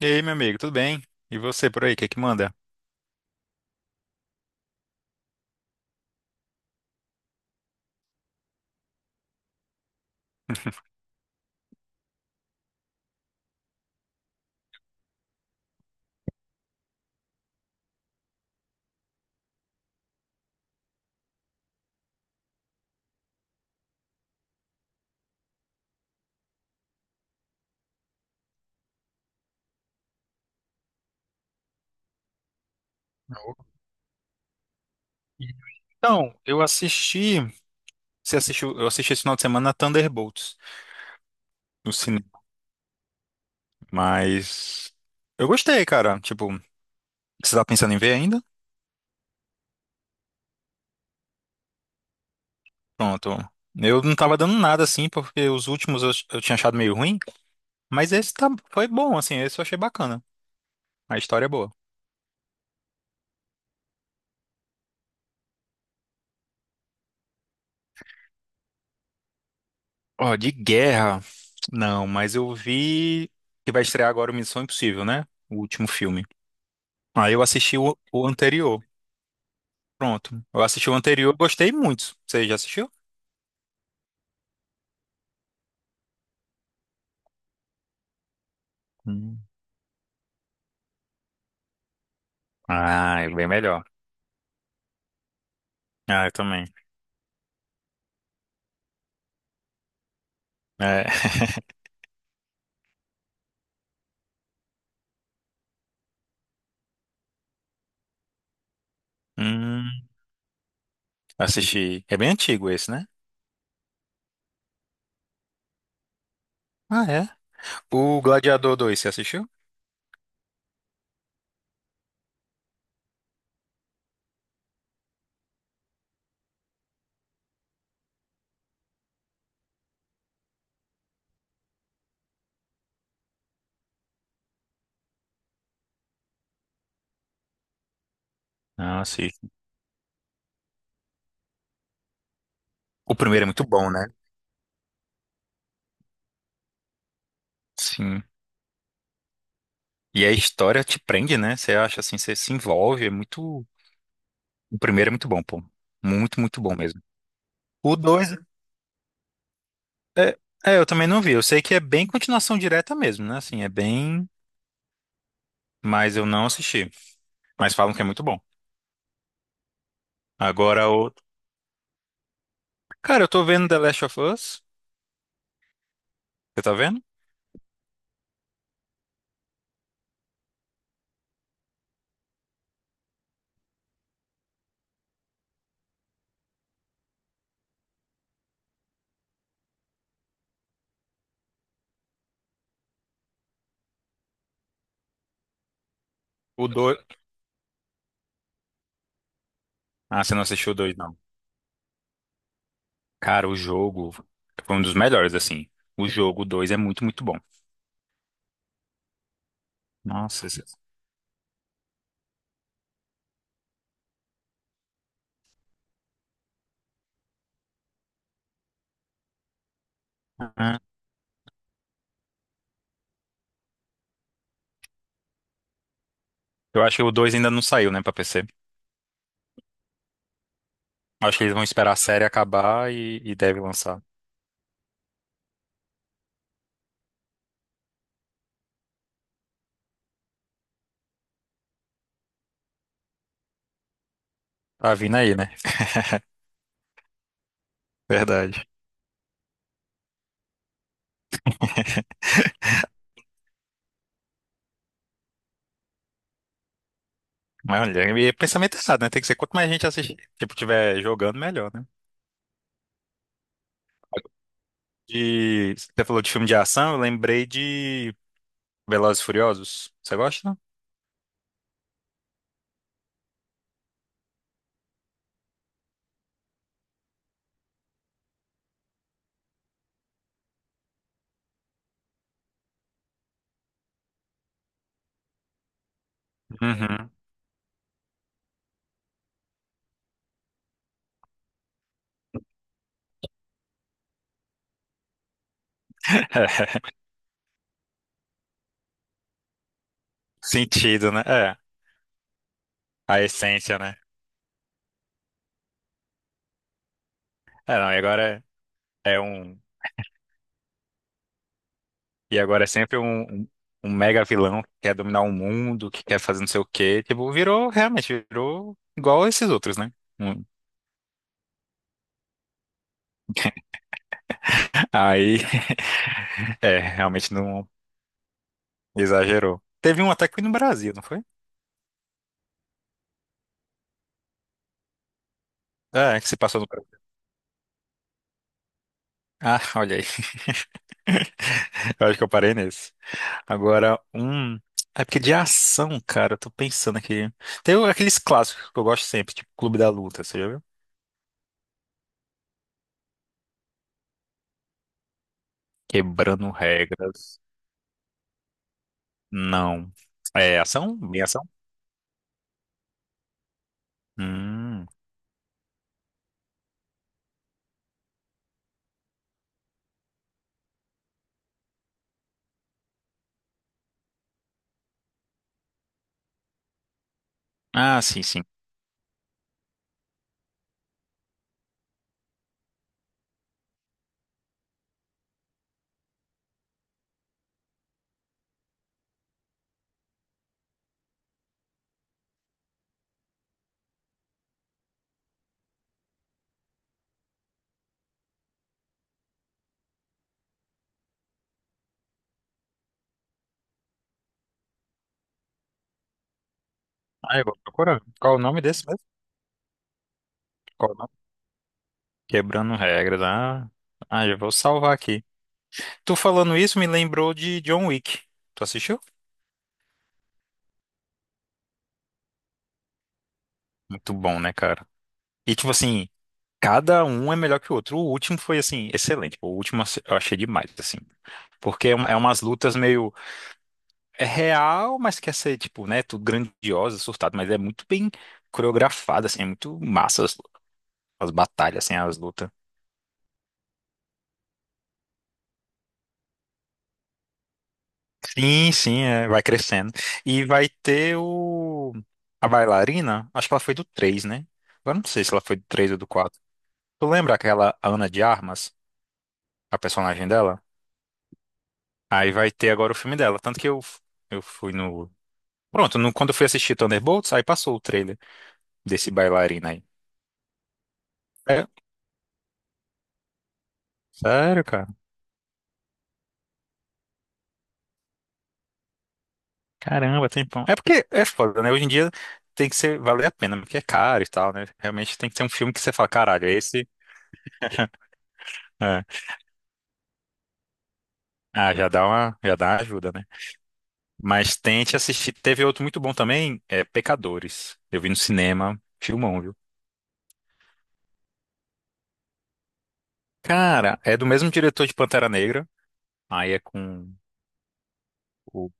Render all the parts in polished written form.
E aí, meu amigo, tudo bem? E você por aí, o que que manda? Então, eu assisti esse final de semana Thunderbolts no cinema, mas eu gostei, cara. Tipo, você tá pensando em ver ainda? Pronto. Eu não tava dando nada assim, porque os últimos eu tinha achado meio ruim, mas esse tá, foi bom, assim, esse eu achei bacana. A história é boa. Ó, de guerra, não, mas eu vi que vai estrear agora o Missão Impossível, né? O último filme. Aí eu assisti o anterior. Pronto. Eu assisti o anterior, gostei muito. Você já assistiu? Hum. Ah, é bem melhor. Ah, eu também. É. Hum, assisti. É bem antigo esse, né? Ah, é. O Gladiador 2, você assistiu? Ah, sim. O primeiro é muito bom, né? Sim. E a história te prende, né? Você acha assim, você se envolve, é muito. O primeiro é muito bom, pô. Muito, muito bom mesmo. O dois É, é, eu também não vi. Eu sei que é bem continuação direta mesmo, né? Assim, é bem. Mas eu não assisti. Mas falam que é muito bom. Agora o. Cara, eu tô vendo The Last of Us. Você tá vendo? O dois? Ah, você não assistiu o 2, não. Cara, o jogo foi um dos melhores, assim. O jogo 2 é muito, muito bom. Nossa. Esse- Ah, eu acho que o 2 ainda não saiu, né, pra PC. Acho que eles vão esperar a série acabar e deve lançar. Tá vindo aí, né? Verdade. Mas olha, e pensamento errado, né? Tem que ser quanto mais gente assistir, tipo, tiver jogando, melhor, né? De. Você falou de filme de ação, eu lembrei de Velozes e Furiosos. Você gosta? Uhum. Sentido, né? É, a essência, né? É, não, e agora é um. E agora é sempre um um mega vilão que quer dominar o mundo, que quer fazer não sei o quê. Tipo, virou, realmente, virou igual esses outros, né? Um- Aí, é, realmente não exagerou. Teve um até que foi no Brasil, não foi? É, que se passou no Brasil. Ah, olha aí. Eu acho que eu parei nesse. Agora, um. É porque de ação, cara, eu tô pensando aqui. Tem o- aqueles clássicos que eu gosto sempre, tipo Clube da Luta, você já viu? Quebrando regras. Não. É ação? Bem ação? Hum. Ah, sim, sim. Ah, eu vou procurar. Qual o nome desse mesmo? Qual o nome? Quebrando regras. Ah, ah, já vou salvar aqui. Tu falando isso me lembrou de John Wick. Tu assistiu? Muito bom, né, cara? E tipo assim, cada um é melhor que o outro. O último foi assim, excelente. O último eu achei demais, assim. Porque é, um- é umas lutas meio. É real, mas quer ser, tipo, né? Tudo grandiosa surtado, mas é muito bem coreografado, assim, é muito massa as, as batalhas, assim, as lutas. Sim, sim, é, vai crescendo. E vai ter o. A bailarina, acho que ela foi do 3 né? Agora não sei se ela foi do 3 ou do quatro. Tu lembra aquela Ana de Armas, a personagem dela? Aí vai ter agora o filme dela. Tanto que eu fui no. Pronto, no- quando eu fui assistir Thunderbolts, aí passou o trailer desse bailarina aí. É, sério, cara. Caramba, tempão. É porque é foda, né? Hoje em dia tem que ser valer a pena, porque é caro e tal, né? Realmente tem que ser um filme que você fala, caralho, é esse. É. Ah, já dá uma ajuda, né? Mas tente assistir. Teve outro muito bom também, é Pecadores. Eu vi no cinema, filmão, viu? Cara, é do mesmo diretor de Pantera Negra. Aí é com o,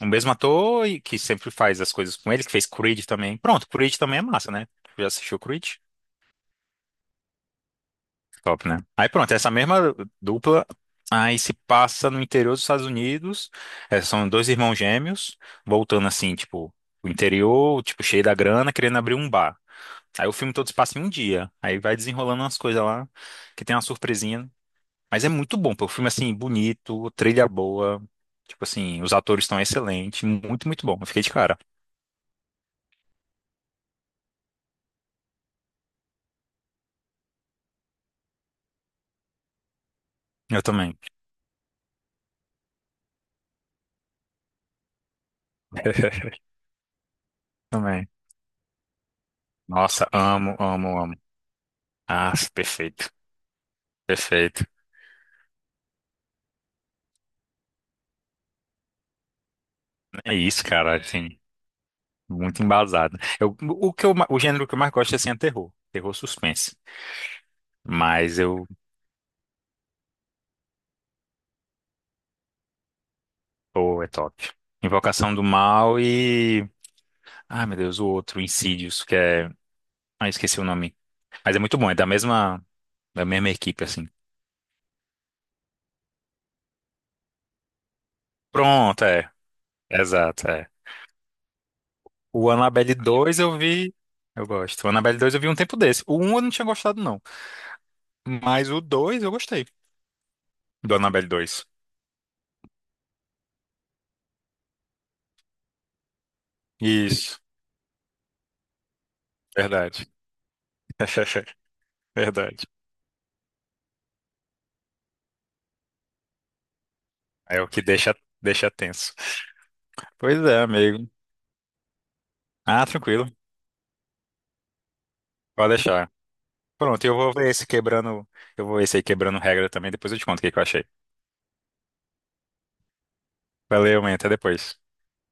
o mesmo ator e que sempre faz as coisas com ele, que fez Creed também. Pronto, Creed também é massa, né? Já assistiu Creed? Top, né? Aí pronto, essa mesma dupla aí se passa no interior dos Estados Unidos. É, são dois irmãos gêmeos, voltando assim, tipo, o interior, tipo, cheio da grana, querendo abrir um bar. Aí o filme todo se passa em um dia. Aí vai desenrolando umas coisas lá, que tem uma surpresinha. Né? Mas é muito bom, pô. O filme, assim, bonito, trilha boa. Tipo assim, os atores estão excelentes. Muito, muito bom. Eu fiquei de cara. Eu também. Também. Nossa, amo. Ah, perfeito. Perfeito. É isso, cara, assim. Muito embasado. Eu, o que eu, ma- o gênero que eu mais gosto é assim, é terror. Terror suspense. Mas eu. Pô, é top. Invocação do Mal e. Ai, meu Deus, o outro, Insidious, que é. Ah, esqueci o nome. Mas é muito bom, é da mesma equipe, assim. Pronto, é. Exato, é. O Annabelle 2 eu vi. Eu gosto. O Annabelle 2 eu vi um tempo desse. O 1 eu não tinha gostado, não. Mas o dois eu gostei. Do Annabelle dois Isso, verdade. Verdade. É o que deixa tenso. Pois é, amigo. Ah, tranquilo. Pode deixar. Pronto, eu vou ver esse quebrando. Eu vou ver esse aí quebrando regra também. Depois eu te conto o que que eu achei. Valeu, man. Até depois.